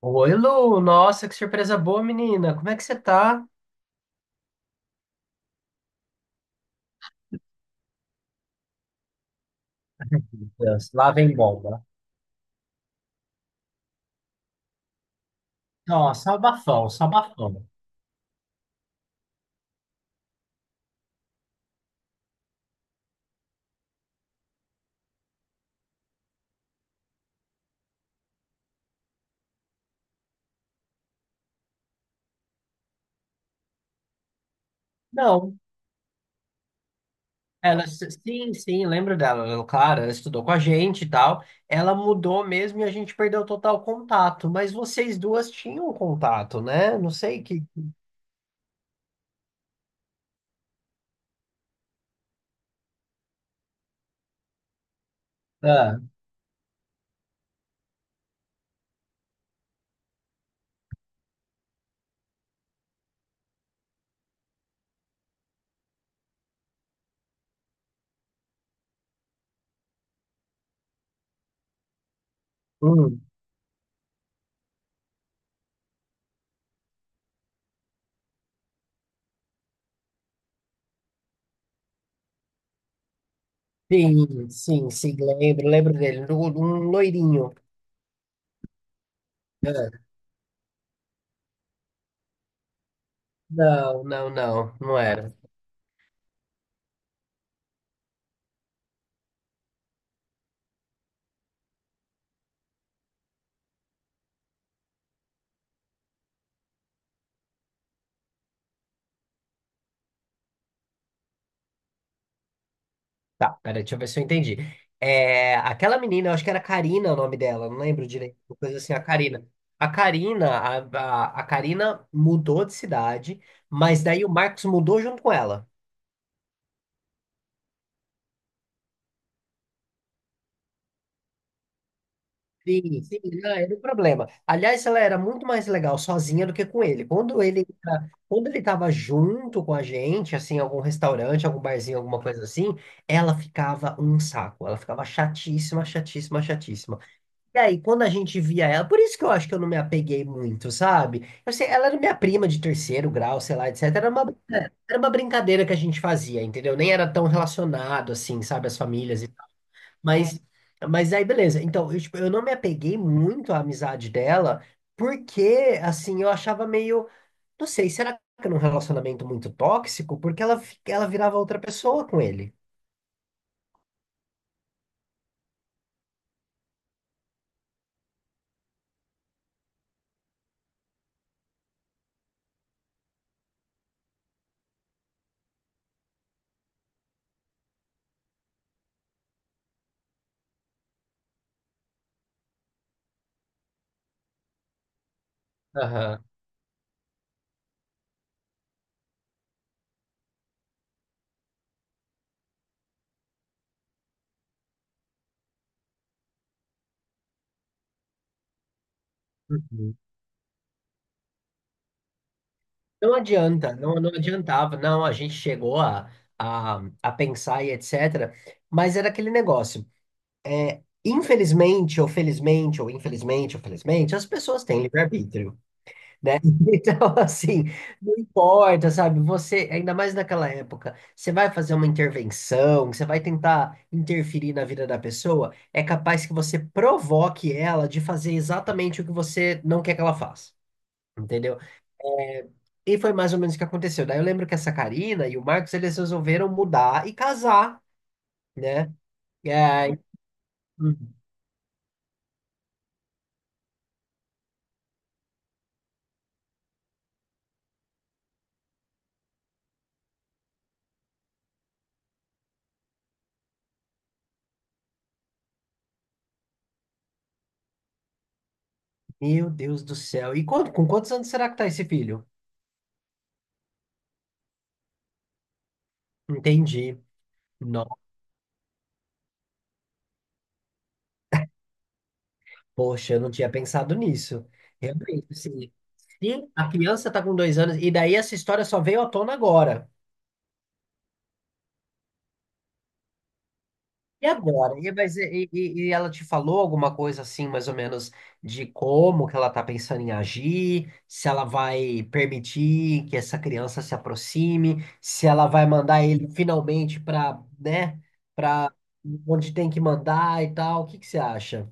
Oi, Lu! Nossa, que surpresa boa, menina! Como é que você tá? Meu Deus, lá vem bomba. Nossa, abafão, abafão. Não. Ela, sim, sim, lembro dela. Ela, claro, ela estudou com a gente e tal. Ela mudou mesmo e a gente perdeu total contato. Mas vocês duas tinham contato, né? Não sei que. Ah. Hum. Sim, sim, sim, lembro, lembro dele. Um loirinho. Ah. Não, não, não, não era. Tá, pera, deixa eu ver se eu entendi. É, aquela menina, eu acho que era Karina o nome dela, não lembro direito, uma coisa assim, a Karina. A Karina, a Karina mudou de cidade, mas daí o Marcos mudou junto com ela. Sim, sim, não, era um problema. Aliás, ela era muito mais legal sozinha do que com ele. Quando ele, tá- quando ele tava junto com a gente, assim, em algum restaurante, algum barzinho, alguma coisa assim, ela ficava um saco. Ela ficava chatíssima, chatíssima, chatíssima. E aí, quando a gente via ela, por isso que eu acho que eu não me apeguei muito, sabe? Eu sei, ela era minha prima de terceiro grau, sei lá, etc. Era uma brincadeira que a gente fazia, entendeu? Nem era tão relacionado assim, sabe, as famílias e tal. Mas, mas aí, beleza. Então, eu, tipo, eu não me apeguei muito à amizade dela, porque, assim, eu achava meio. Não sei, será que era um relacionamento muito tóxico? Porque ela, fi- ela virava outra pessoa com ele. Aham. Uhum. Não adianta, não adiantava. Não, a gente chegou a pensar e etc. Mas era aquele negócio. Infelizmente, ou felizmente, ou infelizmente, ou felizmente, as pessoas têm livre-arbítrio, né? Então, assim, não importa, sabe? Você, ainda mais naquela época, você vai fazer uma intervenção, você vai tentar interferir na vida da pessoa, é capaz que você provoque ela de fazer exatamente o que você não quer que ela faça, entendeu? E foi mais ou menos o que aconteceu. Daí eu lembro que essa Karina e o Marcos, eles resolveram mudar e casar, né? E aí. Uhum. Meu Deus do céu. E quando, com quantos anos será que tá esse filho? Entendi. Não, poxa, eu não tinha pensado nisso. Realmente, assim, se a criança tá com 2 anos, e daí essa história só veio à tona agora. E agora? E, mas, e ela te falou alguma coisa assim, mais ou menos, de como que ela tá pensando em agir, se ela vai permitir que essa criança se aproxime, se ela vai mandar ele finalmente para, né, para onde tem que mandar e tal. O que que você acha?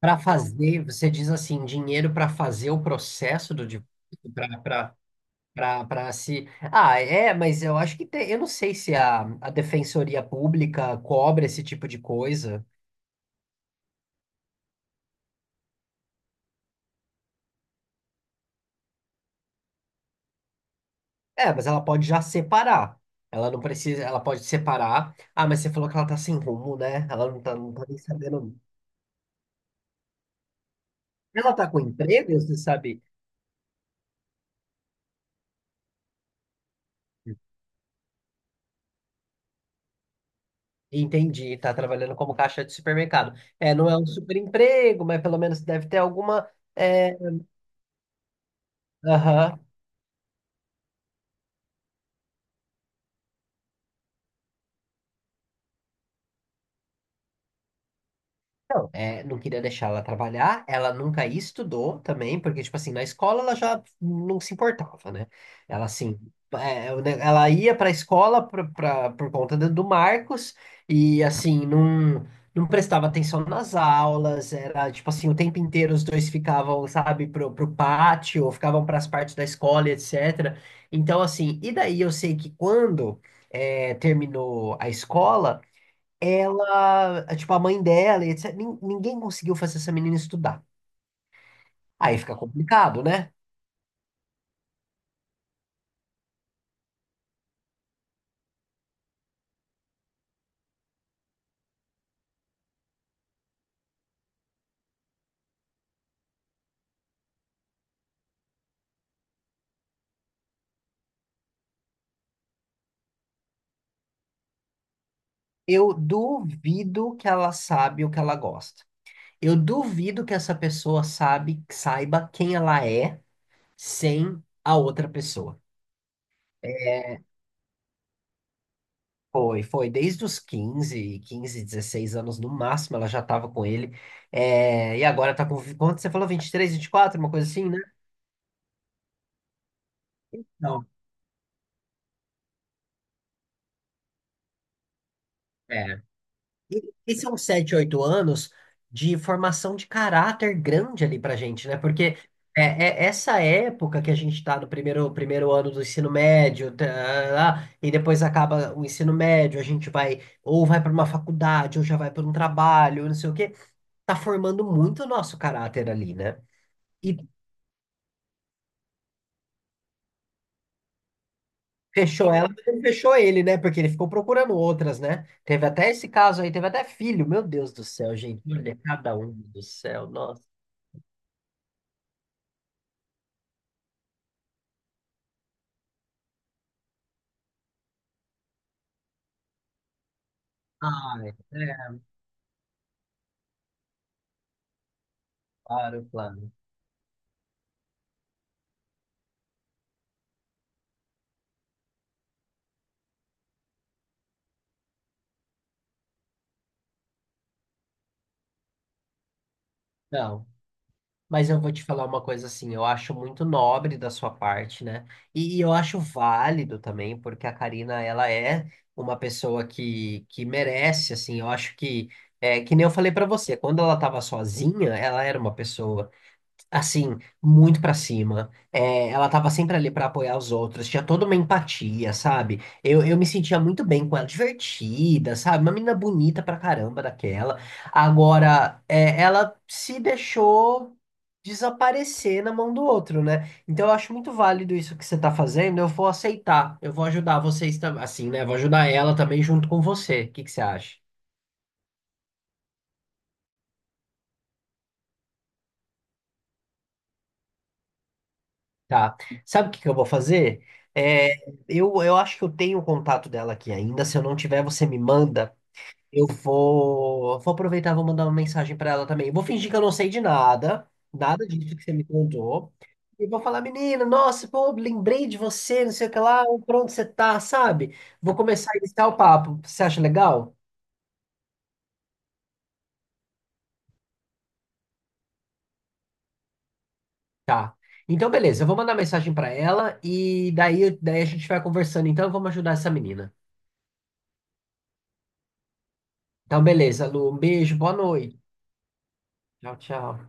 Para fazer, você diz assim, dinheiro para fazer o processo do divórcio. Pra se. Ah, é, mas eu acho que tem. Eu não sei se a Defensoria Pública cobra esse tipo de coisa. É, mas ela pode já separar. Ela não precisa. Ela pode separar. Ah, mas você falou que ela tá sem rumo, né? Ela não tá, nem sabendo. Ela tá com emprego, você sabe? Entendi, tá trabalhando como caixa de supermercado. É, não é um super emprego, mas pelo menos deve ter alguma. É, aham. Não, é, não queria deixar ela trabalhar, ela nunca estudou também, porque, tipo assim, na escola ela já não se importava, né? Ela, assim, é, é, o ne- ela ia pra escola pra, pra- por conta do Marcos e, assim, não, não prestava atenção nas aulas, era, tipo assim, o tempo inteiro os dois ficavam, sabe, pro pátio, ou ficavam pras partes da escola, e etc. Então, assim, e daí eu sei que quando... é, terminou a escola, ela, tipo, a mãe dela, e etc. nin- Ninguém conseguiu fazer essa menina estudar. Aí fica complicado, né? Eu duvido que ela sabe o que ela gosta. Eu duvido que essa pessoa sabe, saiba quem ela é sem a outra pessoa. Foi, foi. Desde os quinze 16 anos no máximo, ela já tava com ele. É, e agora tá com. Quanto você falou? Vinte 23, 24 uma coisa assim, né? Não. É. E são 7, 8 anos de formação de caráter grande ali pra gente, né? Porque é essa época que a gente tá no primeiro ano do ensino médio, tá, lá, e depois acaba o ensino médio, a gente vai ou vai pra uma faculdade, ou já vai pra um trabalho, não sei o quê. Tá formando muito o nosso caráter ali, né? E fechou ela, mas não fechou ele, né? Porque ele ficou procurando outras, né? Teve até esse caso aí, teve até filho. Meu Deus do céu, gente. Olha, cada um do céu, nossa. Ai. É. Claro, claro. Não, mas eu vou te falar uma coisa assim, eu acho muito nobre da sua parte, né? E eu acho válido também, porque a Karina, ela é uma pessoa que merece, assim, eu acho que, é, que nem eu falei pra você, quando ela tava sozinha, ela era uma pessoa assim, muito pra cima. É, ela tava sempre ali pra apoiar os outros, tinha toda uma empatia, sabe? Eu me sentia muito bem com ela, divertida, sabe? Uma menina bonita pra caramba daquela. Agora, é, ela se deixou desaparecer na mão do outro, né? Então eu acho muito válido isso que você tá fazendo, eu vou aceitar, eu vou ajudar vocês também, assim, né? Vou ajudar ela também junto com você. O que que você acha? Tá. Sabe o que que eu vou fazer? É, eu acho que eu tenho o contato dela aqui ainda. Se eu não tiver, você me manda. Eu vou, vou aproveitar, e vou mandar uma mensagem pra ela também. Eu vou fingir que eu não sei de nada, nada disso que você me contou. E vou falar, menina, nossa, pô, lembrei de você, não sei o que lá, por onde você tá, sabe? Vou começar a iniciar o papo. Você acha legal? Tá. Então, beleza, eu vou mandar mensagem pra ela e daí, daí a gente vai conversando. Então, vamos ajudar essa menina. Então, beleza, Lu, um beijo, boa noite. Tchau, tchau.